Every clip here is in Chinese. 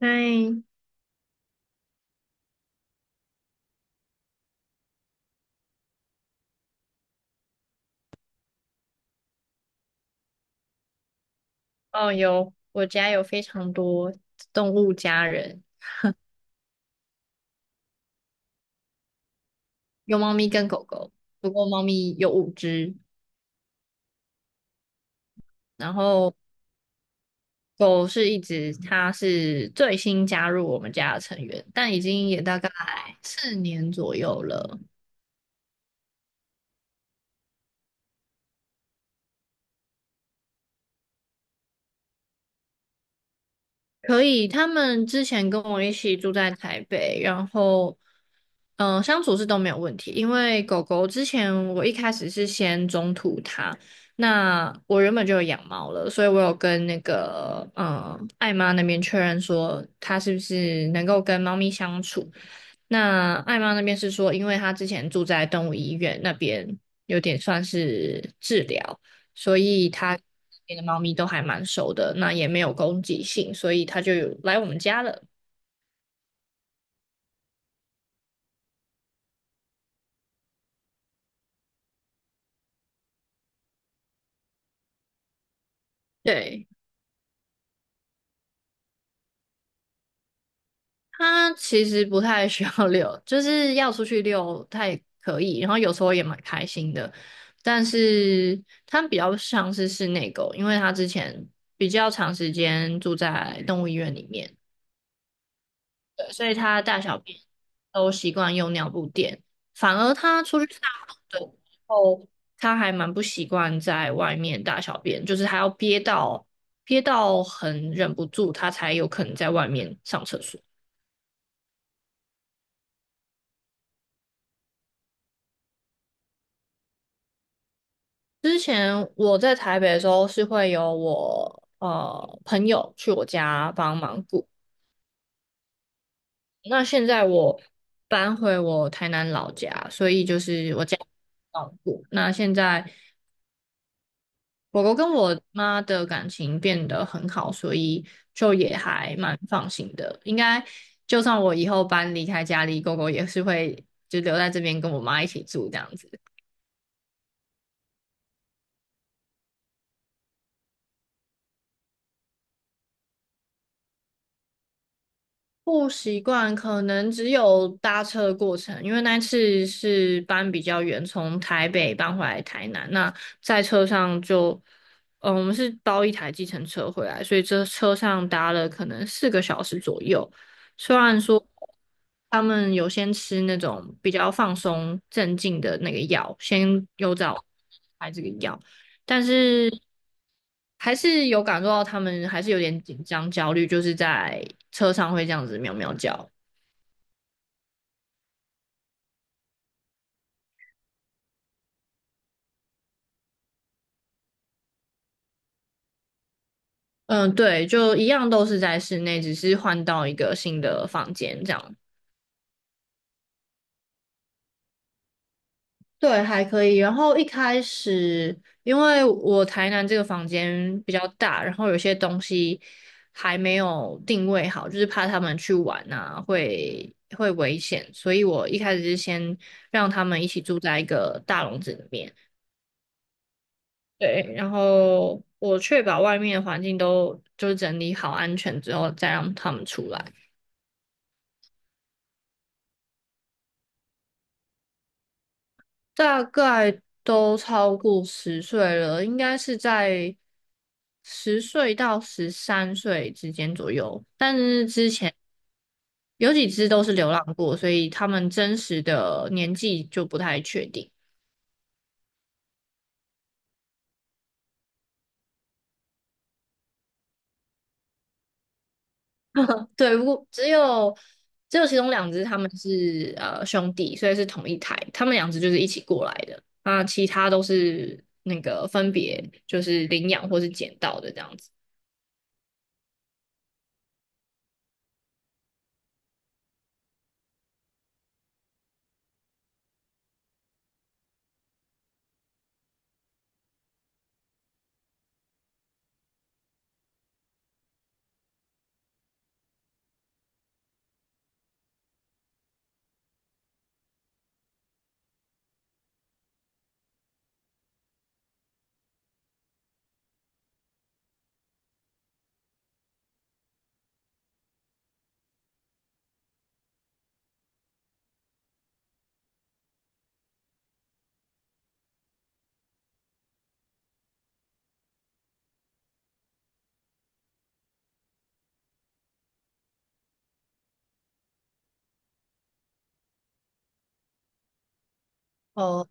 嗨，哦，有，我家有非常多动物家人，有猫咪跟狗狗，不过猫咪有5只，然后狗是1只，它是最新加入我们家的成员，但已经也大概4年左右了。可以，他们之前跟我一起住在台北，然后，相处是都没有问题。因为狗狗之前我一开始是先中途它，那我原本就有养猫了，所以我有跟那个爱妈那边确认说它是不是能够跟猫咪相处。那艾妈那边是说，因为她之前住在动物医院那边，有点算是治疗，所以她那边的猫咪都还蛮熟的，那也没有攻击性，所以她就有来我们家了。对，它其实不太需要遛，就是要出去遛，它也可以，然后有时候也蛮开心的。但是它比较像是室内狗，因为它之前比较长时间住在动物医院里面。对，所以他大小便都习惯用尿布垫，反而他出去大号的时候，他还蛮不习惯在外面大小便，就是他要憋到很忍不住，他才有可能在外面上厕所。之前我在台北的时候是会有我朋友去我家帮忙顾，那现在我搬回我台南老家，所以就是我家照顾。那现在。狗狗跟我妈的感情变得很好，所以就也还蛮放心的。应该就算我以后搬离开家里，狗狗也是会就留在这边跟我妈一起住这样子。不习惯，可能只有搭车的过程，因为那次是搬比较远，从台北搬回来台南。那在车上就，我们是包一台计程车回来，所以这车上搭了可能4个小时左右。虽然说他们有先吃那种比较放松镇静的那个药，先有找开这个药，但是。还是有感受到他们还是有点紧张焦虑，就是在车上会这样子喵喵叫。嗯，对，就一样都是在室内，只是换到一个新的房间这样。对，还可以。然后一开始，因为我台南这个房间比较大，然后有些东西还没有定位好，就是怕他们去玩啊，会危险，所以我一开始是先让他们一起住在一个大笼子里面。对，然后我确保外面的环境都就是整理好安全之后，再让他们出来。大概都超过十岁了，应该是在十岁到13岁之间左右。但是之前有几只都是流浪过，所以他们真实的年纪就不太确定。对，不过只有其中两只他们是兄弟，所以是同一台，他们两只就是一起过来的。那其他都是那个分别就是领养或是捡到的这样子。哦，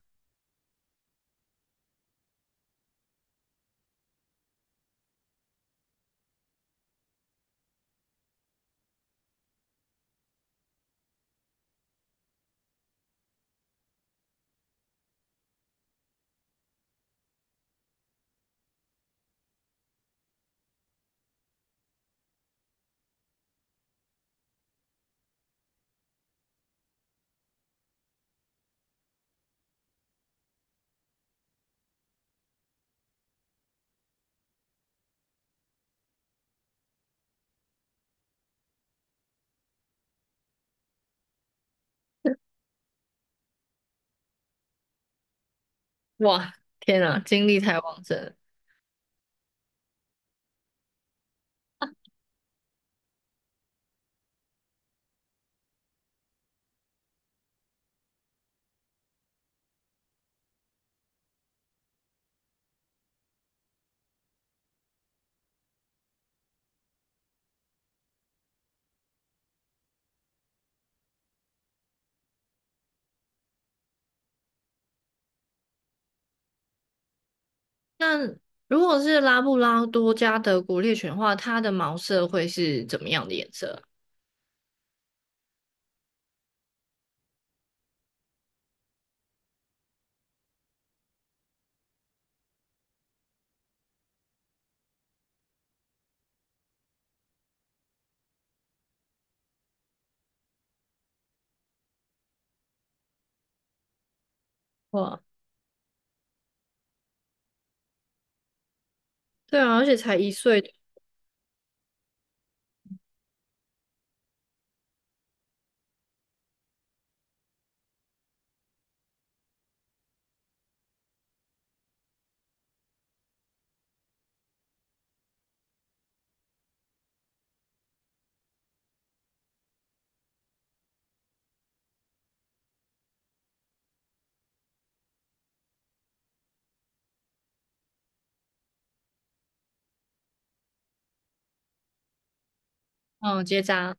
哇，天啊，精力太旺盛了那如果是拉布拉多加德国猎犬的话，它的毛色会是怎么样的颜色啊？哇，对啊，而且才1岁，嗯，结扎。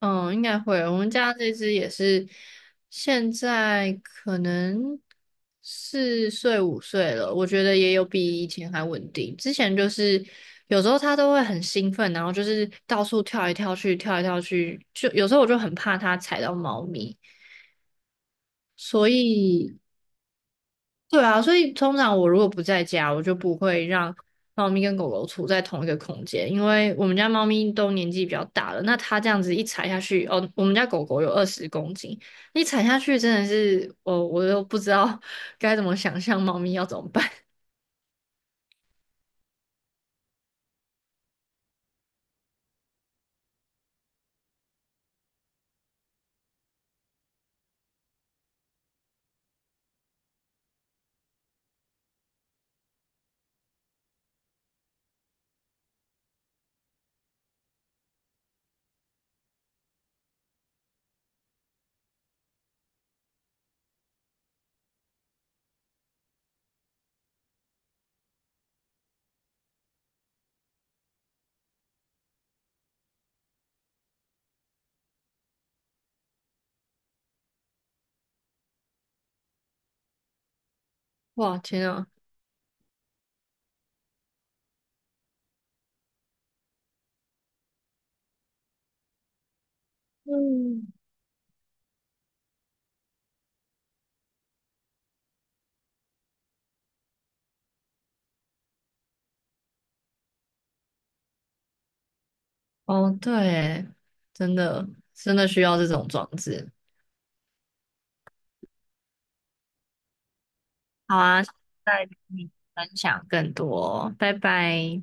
嗯，应该会。我们家这只也是，现在可能4岁5岁了，我觉得也有比以前还稳定。之前就是有时候它都会很兴奋，然后就是到处跳来跳去，跳来跳去，就有时候我就很怕它踩到猫咪，所以对啊，所以通常我如果不在家，我就不会让猫咪跟狗狗处在同一个空间，因为我们家猫咪都年纪比较大了，那它这样子一踩下去，哦，我们家狗狗有20公斤，一踩下去真的是，哦，我都不知道 该怎么想象猫咪要怎么办。哇，天啊！嗯，哦，对耶，真的真的需要这种装置。好啊，下次再跟你分享更多，拜拜。